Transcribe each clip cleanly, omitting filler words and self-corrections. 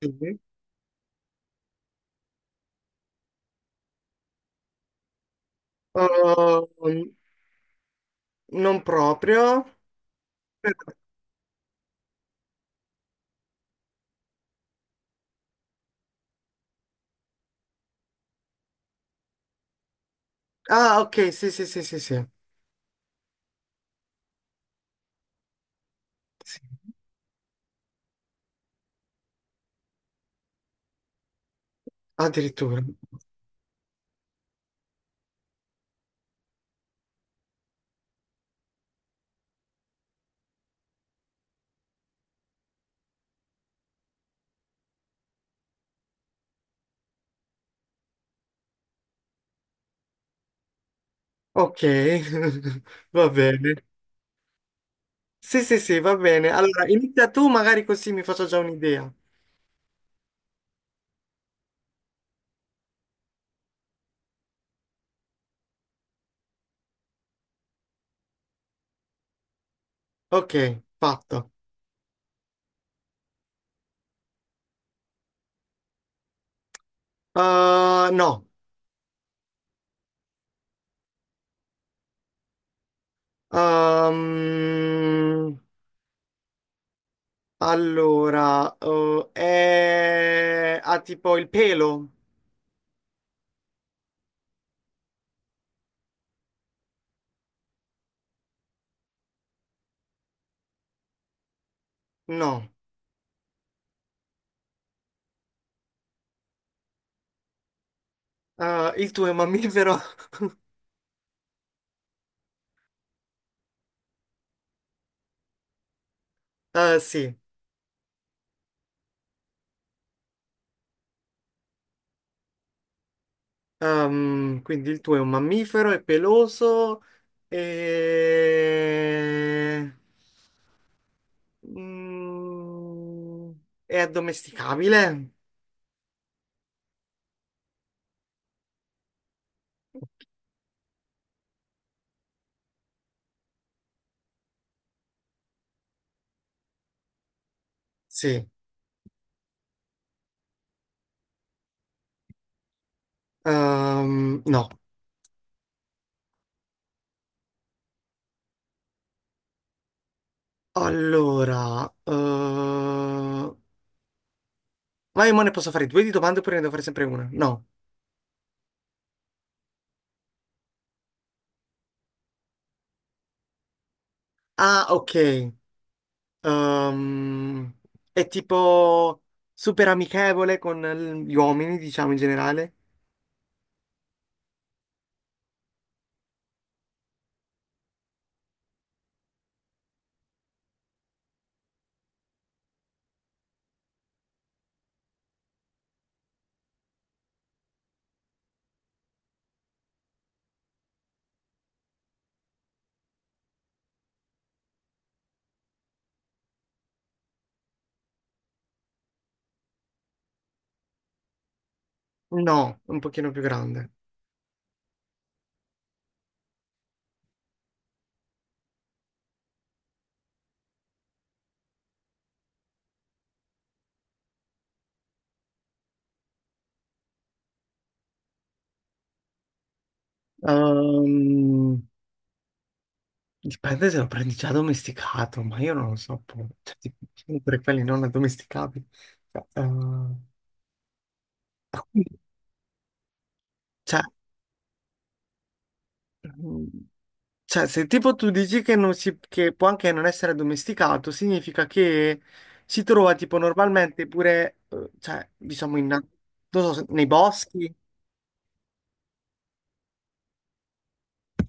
Sì. Ehm, Non proprio. Ah, ok, sì, sì, sì, sì, sì. Sì, addirittura. Ok, va bene. Sì, sì, sì, va bene. Allora, inizia tu, magari così mi faccio già un'idea. Ok, fatto. No. Ehm, allora, è... ha tipo il pelo? No. Il tuo è mammifero? Sì. Quindi il tuo è un mammifero, è peloso e... Mm, è addomesticabile? Sì. No. Allora... eh, Vai, ma io mo ne posso fare due di domande oppure ne devo fare sempre una? No. Ah, ok. Ehm, è tipo super amichevole con gli uomini, diciamo in generale? No, un pochino più grande. Ehm, dipende se lo prendi già domesticato, ma io non lo so, cioè, tipo, sempre quelli non addomesticabili. Cioè, ehm, ah, quindi, cioè, mm, cioè, se tipo tu dici che, non si, che può anche non essere addomesticato, significa che si trova tipo normalmente pure, cioè, diciamo, in, non so, nei boschi.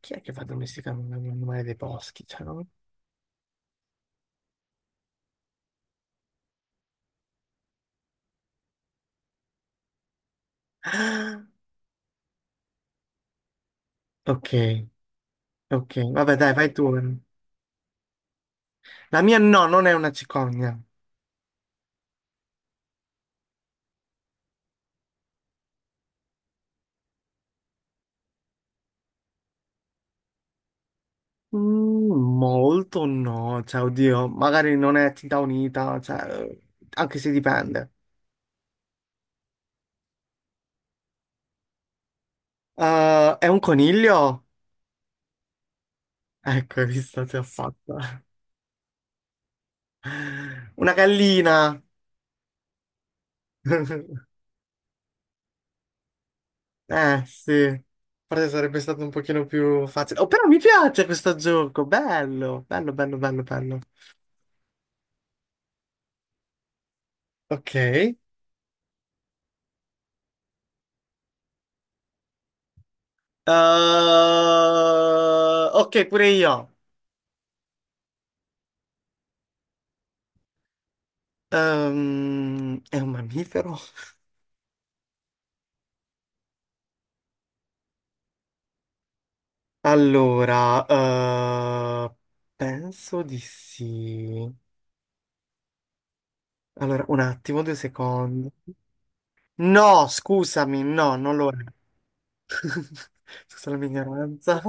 Chi è che fa addomesticare un animale dei boschi? Ah, ok, ok, vabbè, dai, vai tu. La mia no, non è una cicogna. Mm, Molto no, cioè, oddio, magari non è tinta unita, cioè, anche se dipende. È un coniglio? Ecco, hai visto, ti ho fatta. Una gallina. Sì. Forse sarebbe stato un pochino più facile. Oh, però mi piace questo gioco, bello, bello, bello, bello, bello. Ok. Ok, pure io. È un mammifero? Allora, penso di sì. Allora, un attimo, due secondi. No, scusami, no, non lo è. Scusa la mia ignoranza.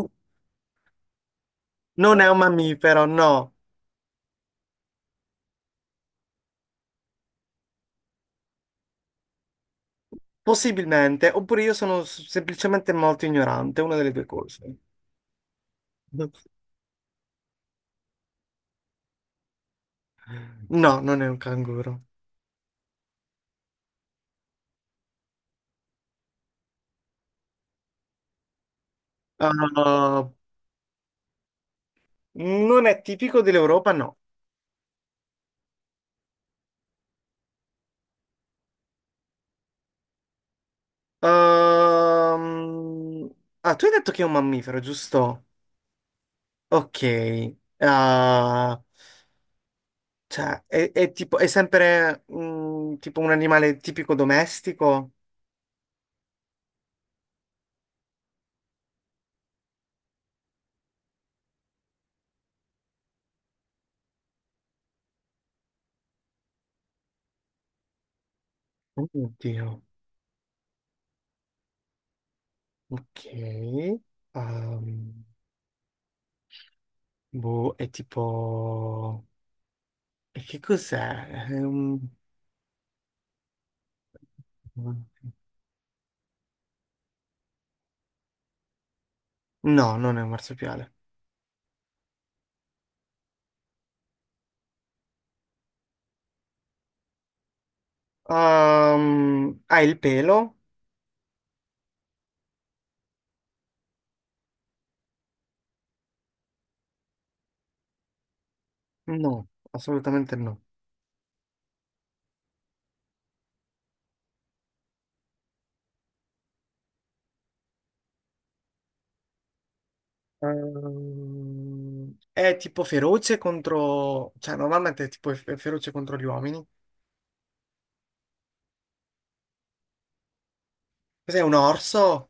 Non è un mammifero, no. Possibilmente, oppure io sono semplicemente molto ignorante, una delle due cose. No, non è un canguro. Uh, non è tipico dell'Europa, no. Ehm, Tu hai detto che è un mammifero, giusto? Ok, ah, cioè, è tipo, è sempre tipo un animale tipico domestico? Oddio, ok. Ehm, Boh, è tipo... E che cos'è? No, non è un marsupiale. Ha il pelo? No, assolutamente no. È tipo feroce contro... Cioè, normalmente è tipo feroce contro gli uomini. Cos'è un orso?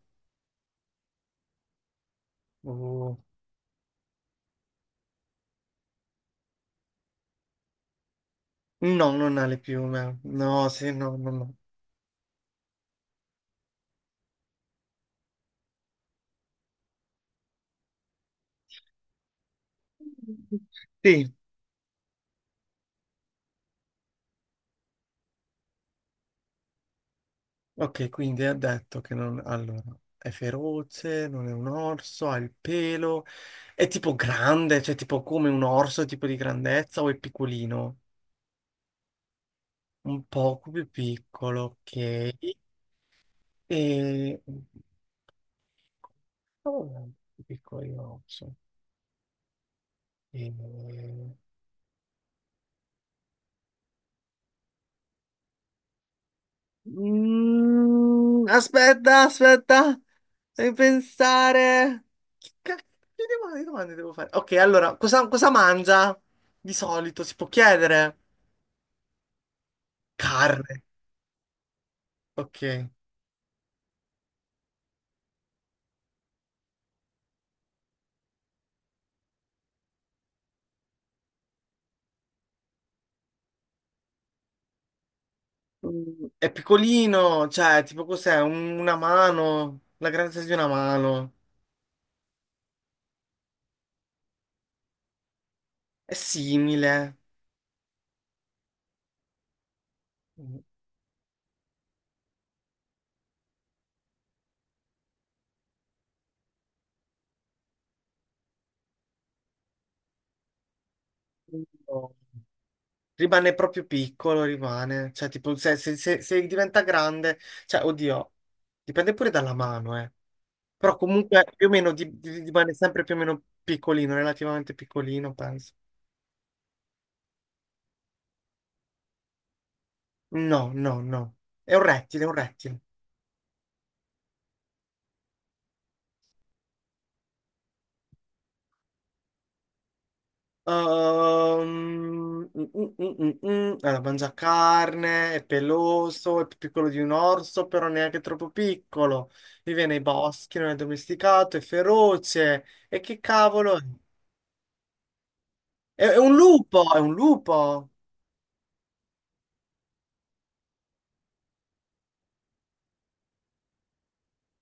Oh. No, non ha le piume. No, sì, no, no, no. Sì, ok, quindi ha detto che non... Allora, è feroce, non è un orso, ha il pelo, è tipo grande, cioè tipo come un orso, tipo di grandezza, o è piccolino? Un poco più piccolo, ok. E... oh, piccolo orso. E... aspetta, aspetta, devi pensare. Che cacchio di domande devo fare? Ok, allora, cosa mangia di solito? Si può chiedere? Carne. Ok. Mm, è piccolino, cioè, tipo cos'è? Una mano, la grandezza di una mano. È simile. Mm, no. Rimane proprio piccolo, rimane. Cioè, tipo, se diventa grande, cioè, oddio, dipende pure dalla mano, eh. Però comunque più o meno rimane sempre più o meno piccolino, relativamente piccolino, penso. No, no, no. È un rettile, è un rettile. Mm. Allora, mangia carne, è peloso, è più piccolo di un orso, però neanche troppo piccolo. Vive nei boschi, non è domesticato, è feroce. E che cavolo è? È un lupo, è un lupo.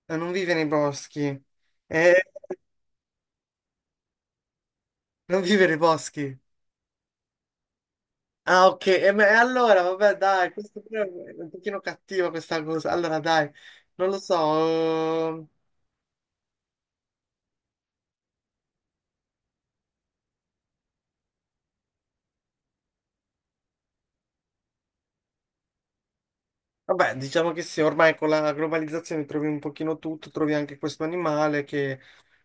Non vive nei boschi. Eh, non vive nei boschi. Ah, ok. E allora, vabbè, dai, questo pure è un pochino cattivo questa cosa. Allora, dai, non lo so. ehm, Vabbè, diciamo che sì, ormai con la globalizzazione trovi un pochino tutto, trovi anche questo animale che,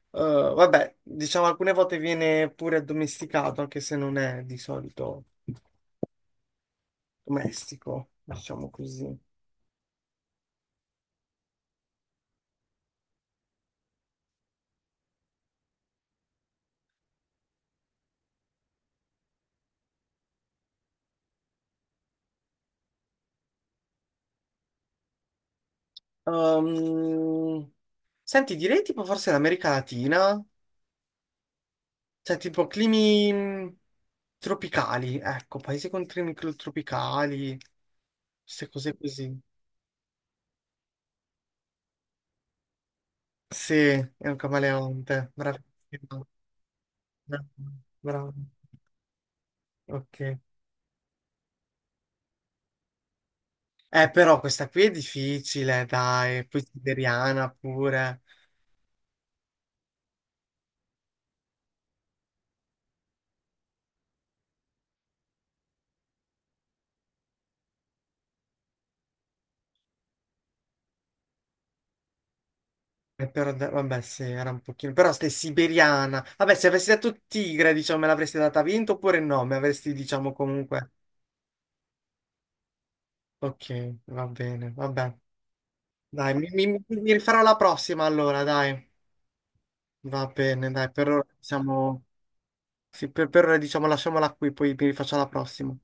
vabbè, diciamo alcune volte viene pure addomesticato, anche se non è di solito domestico, diciamo così. Ehm, Senti, direi tipo forse l'America Latina. Cioè, tipo climi tropicali, ecco, paesi con climi tropicali, queste cose così. Sì, è un camaleonte, bravissimo. Bravo, bravo. Ok. Però questa qui è difficile, dai, poi siberiana pure. Però, vabbè, sì, era un pochino. Però stai siberiana. Vabbè, se avessi detto tigre, diciamo, me l'avresti data vinto oppure no? Me avresti, diciamo, comunque. Ok, va bene, vabbè. Dai, mi rifarò la prossima allora, dai. Va bene, dai, per ora diciamo, sì, per ora diciamo lasciamola qui, poi mi rifaccio la prossima.